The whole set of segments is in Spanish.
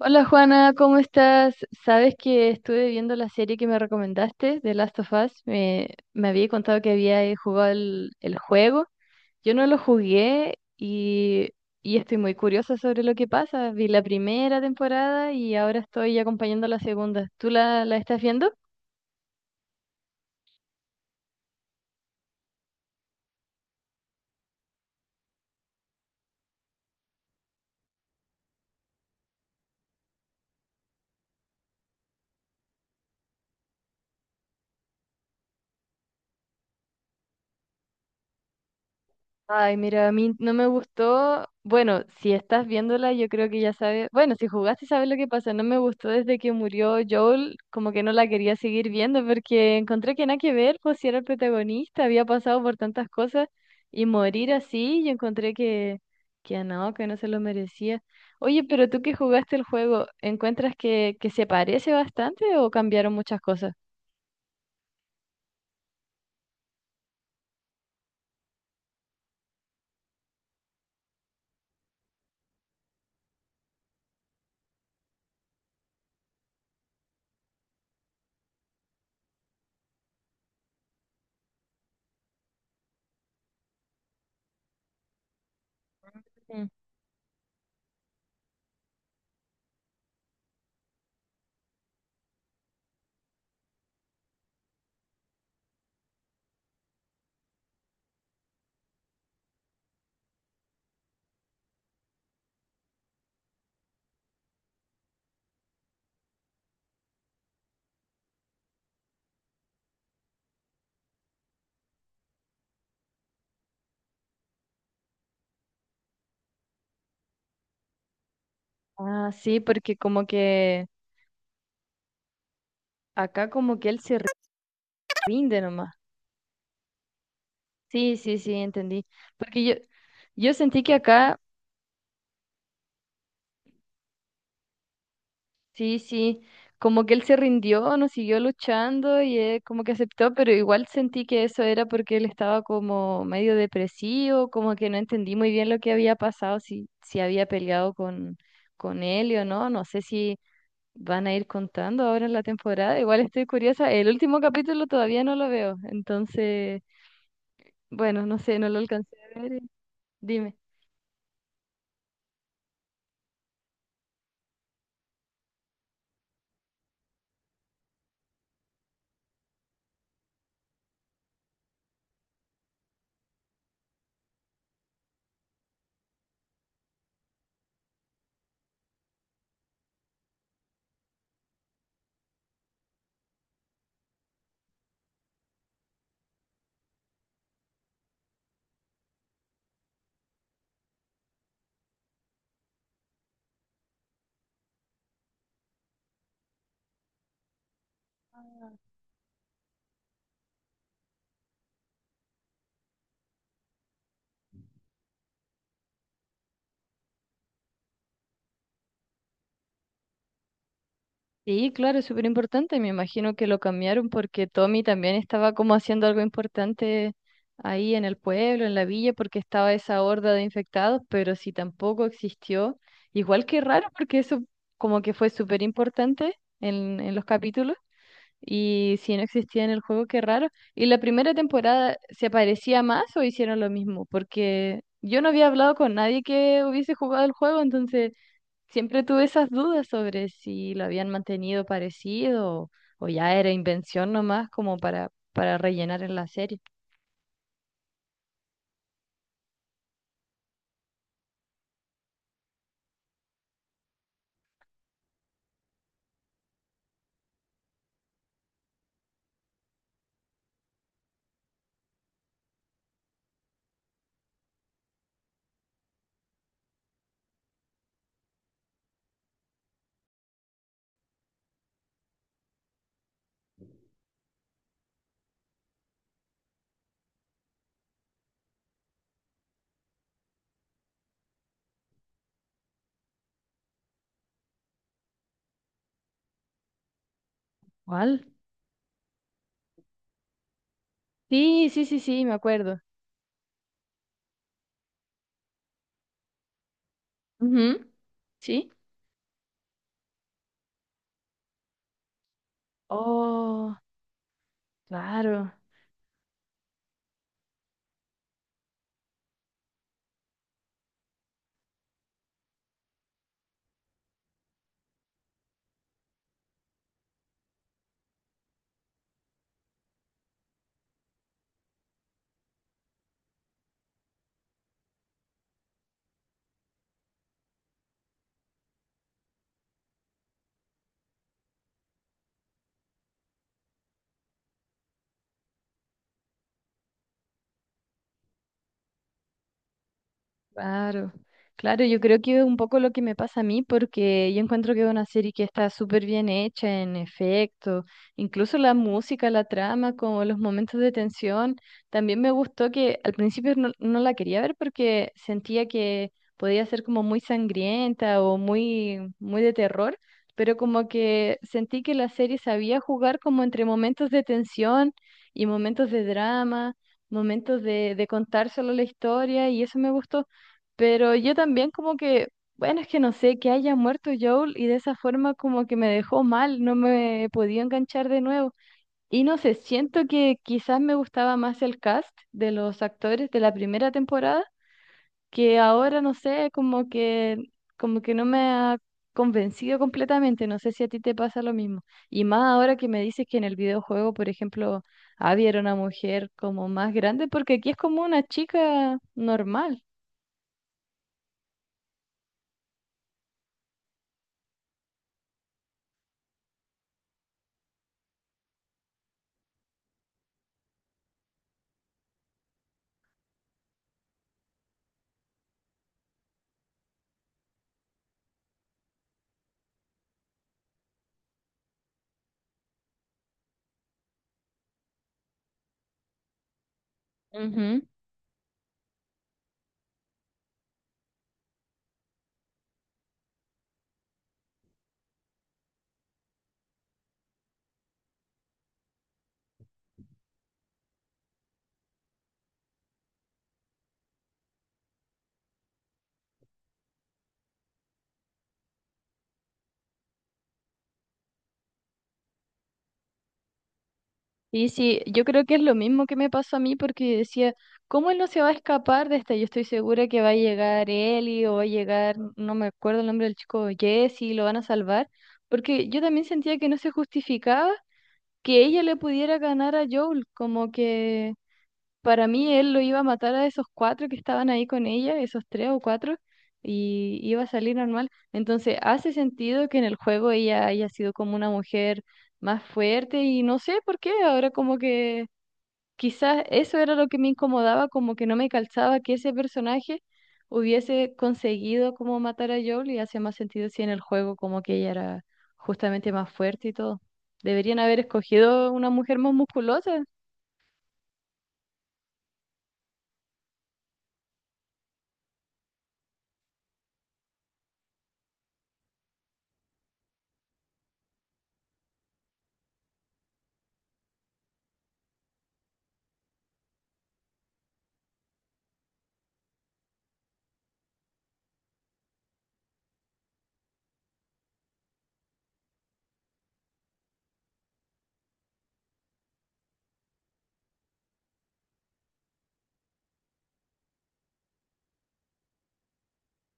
Hola Juana, ¿cómo estás? Sabes que estuve viendo la serie que me recomendaste, The Last of Us. Me había contado que había jugado el juego. Yo no lo jugué y estoy muy curiosa sobre lo que pasa. Vi la primera temporada y ahora estoy acompañando la segunda. ¿Tú la estás viendo? Ay, mira, a mí no me gustó. Bueno, si estás viéndola, yo creo que ya sabes. Bueno, si jugaste, sabes lo que pasa. No me gustó desde que murió Joel, como que no la quería seguir viendo porque encontré que nada que ver, pues si era el protagonista, había pasado por tantas cosas y morir así, yo encontré que no se lo merecía. Oye, pero tú que jugaste el juego, ¿encuentras que se parece bastante o cambiaron muchas cosas? Mm. Ah, sí, porque como que acá como que él se rinde nomás. Sí, sí, sí, entendí. Porque yo sentí que acá, sí, sí, como que él se rindió, no siguió luchando y como que aceptó, pero igual sentí que eso era porque él estaba como medio depresivo, como que no entendí muy bien lo que había pasado, si había peleado con él o no. No sé si van a ir contando ahora en la temporada. Igual estoy curiosa. El último capítulo todavía no lo veo, entonces, bueno, no sé, no lo alcancé a ver. Dime. Sí, claro, es súper importante. Me imagino que lo cambiaron porque Tommy también estaba como haciendo algo importante ahí en el pueblo, en la villa, porque estaba esa horda de infectados, pero si tampoco existió, igual que raro, porque eso como que fue súper importante en los capítulos. Y si no existía en el juego, qué raro. ¿Y la primera temporada se parecía más o hicieron lo mismo? Porque yo no había hablado con nadie que hubiese jugado el juego, entonces... Siempre tuve esas dudas sobre si lo habían mantenido parecido o, ya era invención nomás como para rellenar en la serie. ¿Cuál? Sí, sí, sí, sí, me acuerdo. Ujú. Sí. Oh, claro. Claro, claro, yo creo que es un poco lo que me pasa a mí, porque yo encuentro que es una serie que está súper bien hecha en efecto, incluso la música, la trama, como los momentos de tensión. También me gustó que al principio no la quería ver porque sentía que podía ser como muy sangrienta o muy, muy de terror, pero como que sentí que la serie sabía jugar como entre momentos de tensión y momentos de drama, momentos de contar solo la historia, y eso me gustó. Pero yo también como que, bueno, es que no sé, que haya muerto Joel y de esa forma como que me dejó mal, no me podía enganchar de nuevo. Y no sé, siento que quizás me gustaba más el cast de los actores de la primera temporada, que ahora no sé, como que no me ha convencido completamente, no sé si a ti te pasa lo mismo. Y más ahora que me dices que en el videojuego, por ejemplo, Abby era una mujer como más grande, porque aquí es como una chica normal. Ujú. Y sí, yo creo que es lo mismo que me pasó a mí porque decía, ¿cómo él no se va a escapar de esta? Yo estoy segura que va a llegar Eli o va a llegar, no me acuerdo el nombre del chico, Jesse, lo van a salvar, porque yo también sentía que no se justificaba que ella le pudiera ganar a Joel, como que para mí él lo iba a matar a esos cuatro que estaban ahí con ella, esos tres o cuatro, y iba a salir normal. Entonces hace sentido que en el juego ella haya sido como una mujer más fuerte y no sé por qué, ahora como que quizás eso era lo que me incomodaba, como que no me calzaba que ese personaje hubiese conseguido como matar a Joel y hace más sentido si en el juego como que ella era justamente más fuerte y todo. Deberían haber escogido una mujer más musculosa.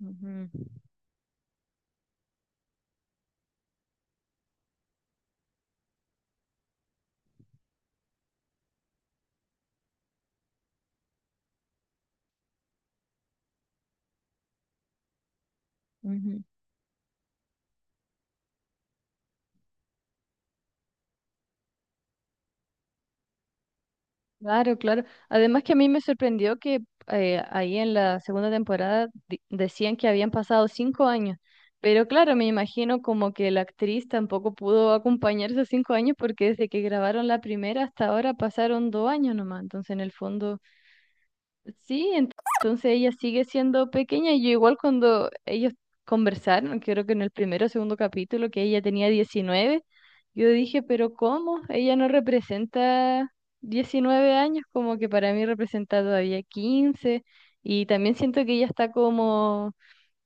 Ujú, ujú. Claro, claro. Además que a mí me sorprendió que ahí en la segunda temporada decían que habían pasado 5 años, pero claro, me imagino como que la actriz tampoco pudo acompañar esos 5 años porque desde que grabaron la primera hasta ahora pasaron 2 años nomás, entonces en el fondo sí, entonces ella sigue siendo pequeña. Y yo igual cuando ellos conversaron, creo que en el primero o segundo capítulo, que ella tenía 19, yo dije, pero ¿cómo? Ella no representa 19 años, como que para mí representa todavía 15. Y también siento que ella está como,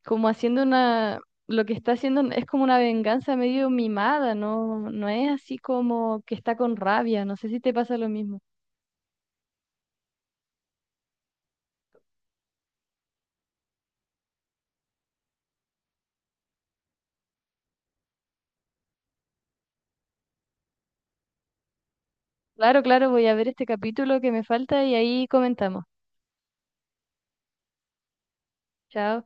como haciendo una, lo que está haciendo es como una venganza medio mimada, no, no es así como que está con rabia. No sé si te pasa lo mismo. Claro, claro, voy a ver este capítulo que me falta y ahí comentamos. Chao.